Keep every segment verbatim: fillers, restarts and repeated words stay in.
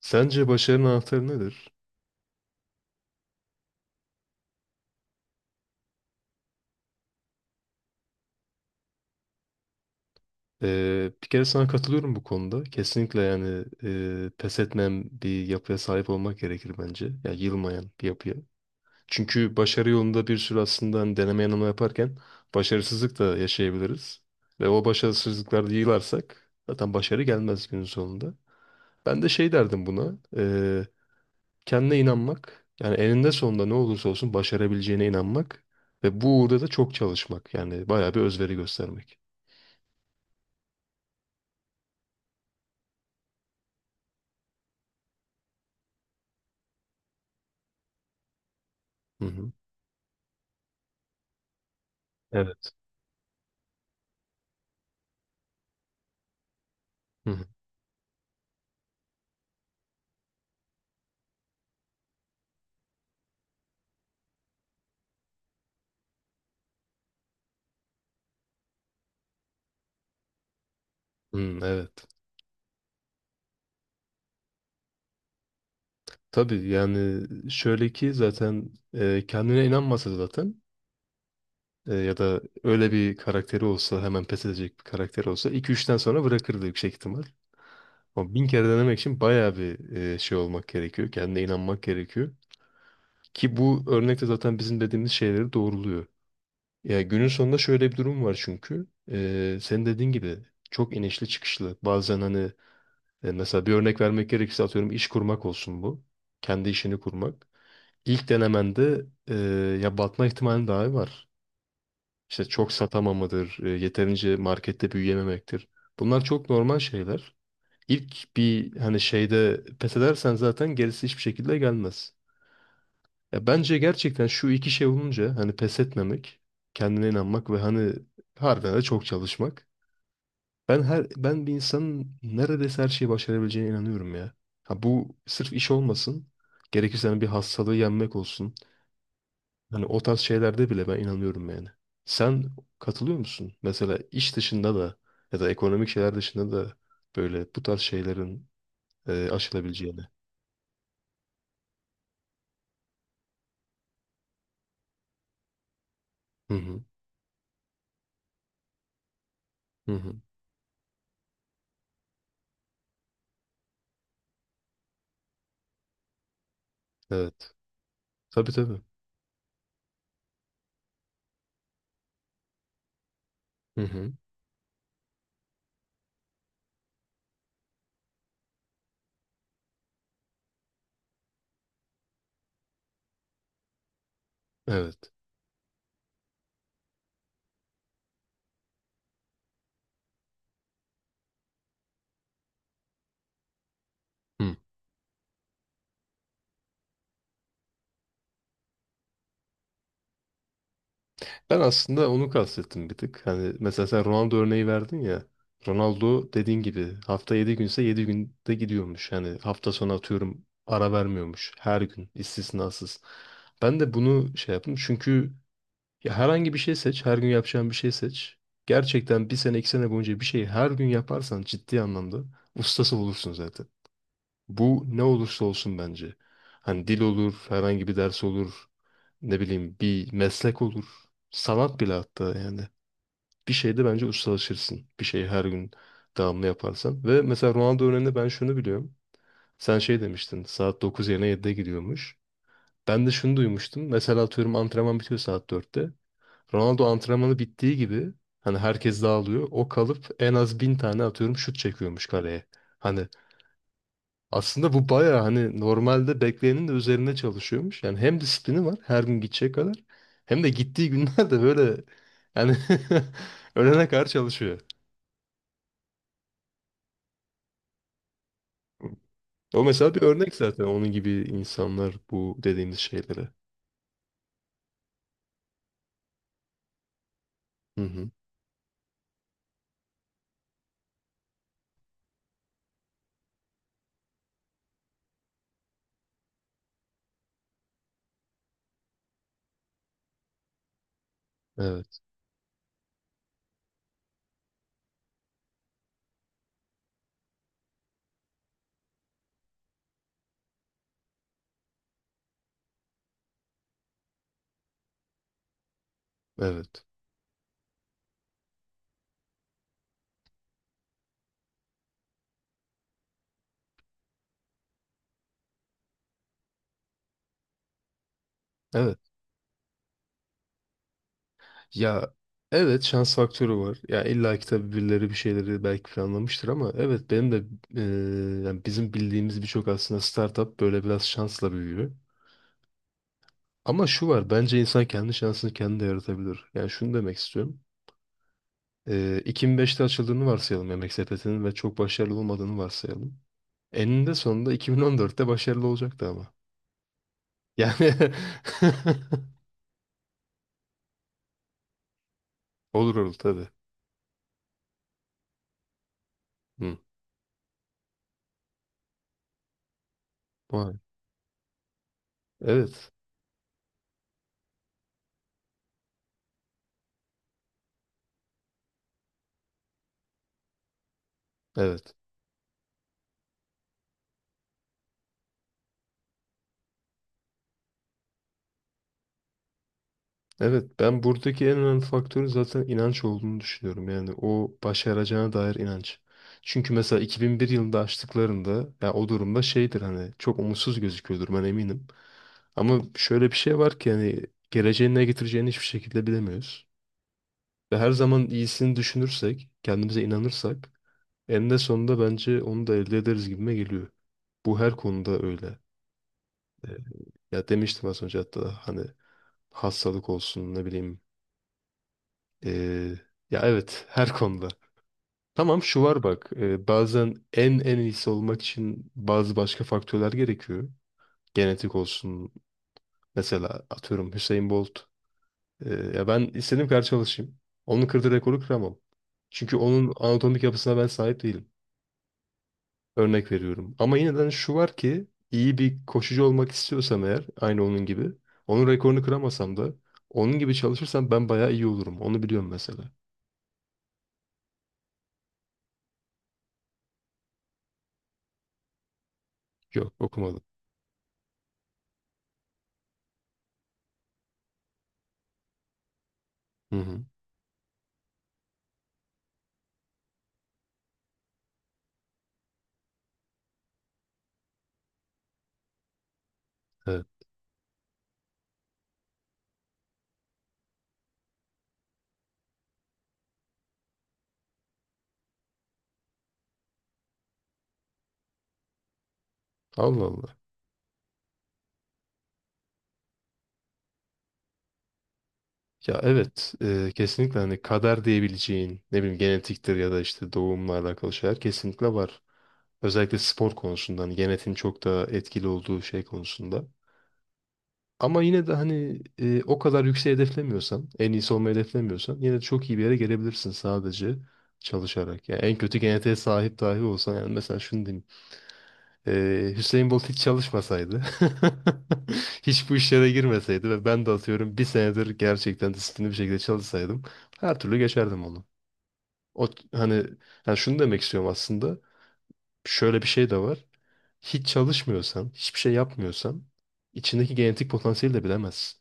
Sence başarının anahtarı nedir? Ee, bir kere sana katılıyorum bu konuda. Kesinlikle yani e, pes etmeyen bir yapıya sahip olmak gerekir bence. Ya yılmayan bir yapıya. Çünkü başarı yolunda bir sürü aslında hani deneme yanılma yaparken başarısızlık da yaşayabiliriz. Ve o başarısızlıklarda yığılarsak zaten başarı gelmez günün sonunda. Ben de şey derdim buna. E, kendine inanmak. Yani eninde sonunda ne olursa olsun başarabileceğine inanmak. Ve bu uğurda da çok çalışmak. Yani bayağı bir özveri göstermek. Hı hı. Evet. Hı hı. Hı, evet. Tabii yani şöyle ki zaten e, kendine inanmasa zaten e, ya da öyle bir karakteri olsa hemen pes edecek bir karakteri olsa iki üçten sonra bırakırdı yüksek ihtimal. Ama bin kere denemek için bayağı bir e, şey olmak gerekiyor. Kendine inanmak gerekiyor. Ki bu örnekte zaten bizim dediğimiz şeyleri doğruluyor. Ya günün sonunda şöyle bir durum var çünkü. E, senin dediğin gibi çok inişli çıkışlı. Bazen hani E, mesela bir örnek vermek gerekirse atıyorum iş kurmak olsun bu. Kendi işini kurmak. İlk denemende e, ya batma ihtimali dahi var. İşte çok satamamadır, e, yeterince markette büyüyememektir. Bunlar çok normal şeyler. İlk bir hani şeyde pes edersen zaten gerisi hiçbir şekilde gelmez. Ya bence gerçekten şu iki şey olunca hani pes etmemek, kendine inanmak ve hani harbiden de çok çalışmak. Ben her ben bir insanın neredeyse her şeyi başarabileceğine inanıyorum ya. Ha bu sırf iş olmasın. Gerekirse hani bir hastalığı yenmek olsun. Hani o tarz şeylerde bile ben inanıyorum yani. Sen katılıyor musun? Mesela iş dışında da ya da ekonomik şeyler dışında da böyle bu tarz şeylerin e, aşılabileceğine. Hı hı. Hı hı. Evet. Tabii tabii. Hı hı. Evet. Hı. Ben aslında onu kastettim bir tık. Hani mesela sen Ronaldo örneği verdin ya. Ronaldo dediğin gibi hafta yedi günse yedi günde gidiyormuş. Yani hafta sonu atıyorum ara vermiyormuş. Her gün istisnasız. Ben de bunu şey yaptım. Çünkü ya herhangi bir şey seç. Her gün yapacağın bir şey seç. Gerçekten bir sene iki sene boyunca bir şeyi her gün yaparsan ciddi anlamda ustası olursun zaten. Bu ne olursa olsun bence. Hani dil olur, herhangi bir ders olur ne bileyim bir meslek olur. Sanat bile hatta yani. Bir şeyde bence ustalaşırsın. Bir şeyi her gün devamlı yaparsan. Ve mesela Ronaldo örneğinde ben şunu biliyorum. Sen şey demiştin saat dokuz yerine yedide gidiyormuş. Ben de şunu duymuştum. Mesela atıyorum antrenman bitiyor saat dörtte. Ronaldo antrenmanı bittiği gibi hani herkes dağılıyor. O kalıp en az bin tane atıyorum şut çekiyormuş kaleye. Hani aslında bu bayağı hani normalde bekleyenin de üzerine çalışıyormuş. Yani hem disiplini var her gün gidecek kadar hem de gittiği günlerde böyle yani ölene kadar çalışıyor. O mesela bir örnek zaten onun gibi insanlar bu dediğimiz şeylere. Hı hı. Evet, evet, evet. Ya evet şans faktörü var. Ya illa ki tabii birileri bir şeyleri belki planlamıştır ama evet benim de eee, yani bizim bildiğimiz birçok aslında startup böyle biraz şansla büyüyor. Ama şu var bence insan kendi şansını kendi de yaratabilir. Yani şunu demek istiyorum. Ee, iki bin beşte açıldığını varsayalım Yemek Sepeti'nin ve çok başarılı olmadığını varsayalım. Eninde sonunda iki bin on dörtte başarılı olacaktı ama. Yani olur olur tabii. Hı. Vay. Evet. Evet. Evet, ben buradaki en önemli faktörün zaten inanç olduğunu düşünüyorum. Yani o başaracağına dair inanç. Çünkü mesela iki bin bir yılında açtıklarında ya o durumda şeydir hani çok umutsuz gözüküyordur ben eminim. Ama şöyle bir şey var ki hani geleceğin ne getireceğini hiçbir şekilde bilemiyoruz. Ve her zaman iyisini düşünürsek, kendimize inanırsak eninde sonunda bence onu da elde ederiz gibime geliyor. Bu her konuda öyle. Ee, Ya demiştim az önce hatta hani hastalık olsun ne bileyim Ee, ya evet her konuda. Tamam şu var bak e, bazen en en iyisi olmak için bazı başka faktörler gerekiyor. Genetik olsun mesela atıyorum Hüseyin Bolt. Ee, ya ben istediğim kadar çalışayım. Onun kırdığı rekoru kıramam. Çünkü onun anatomik yapısına ben sahip değilim. Örnek veriyorum. Ama yine de hani şu var ki iyi bir koşucu olmak istiyorsam eğer aynı onun gibi. Onun rekorunu kıramasam da onun gibi çalışırsam ben bayağı iyi olurum. Onu biliyorum mesela. Yok okumadım. Hı hı. Evet. Allah Allah. Ya evet e, kesinlikle hani kader diyebileceğin ne bileyim genetiktir ya da işte doğumla alakalı şeyler kesinlikle var. Özellikle spor konusunda hani genetin çok da etkili olduğu şey konusunda. Ama yine de hani e, o kadar yüksek hedeflemiyorsan, en iyisi olmayı hedeflemiyorsan yine de çok iyi bir yere gelebilirsin sadece çalışarak. Yani en kötü genetiğe sahip dahi olsan yani mesela şunu diyeyim. Ee, Hüseyin Bolt hiç çalışmasaydı, hiç bu işlere girmeseydi ve ben de atıyorum bir senedir gerçekten disiplinli bir şekilde çalışsaydım her türlü geçerdim onu. O hani yani şunu demek istiyorum aslında. Şöyle bir şey de var. Hiç çalışmıyorsan, hiçbir şey yapmıyorsan içindeki genetik potansiyeli de bilemezsin.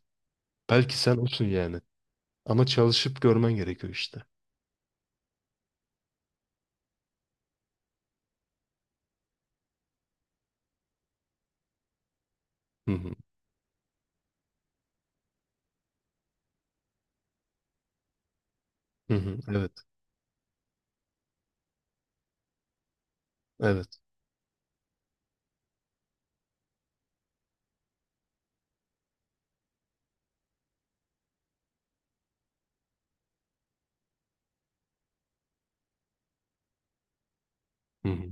Belki sen olsun yani. Ama çalışıp görmen gerekiyor işte. Hı hı. Hı hı. Evet. Evet. Hı hı.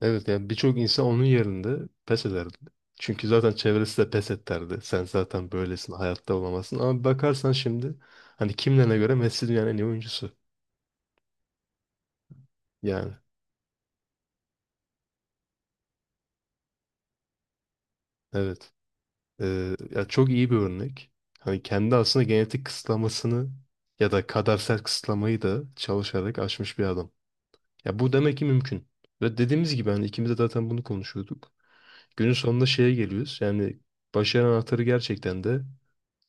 Evet yani birçok insan onun yerinde pes ederdi. Çünkü zaten çevresi de pes et derdi. Sen zaten böylesin, hayatta olamazsın. Ama bakarsan şimdi hani kimlerine göre Messi dünyanın en iyi oyuncusu. Yani evet. Ee, ya çok iyi bir örnek. Hani kendi aslında genetik kısıtlamasını ya da kadersel kısıtlamayı da çalışarak aşmış bir adam. Ya bu demek ki mümkün. Ve dediğimiz gibi hani ikimiz de zaten bunu konuşuyorduk. Günün sonunda şeye geliyoruz. Yani başarı anahtarı gerçekten de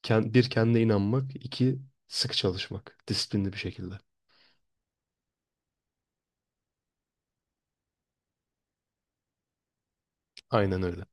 Ken- bir kendine inanmak, iki sıkı çalışmak, disiplinli bir şekilde. Aynen öyle.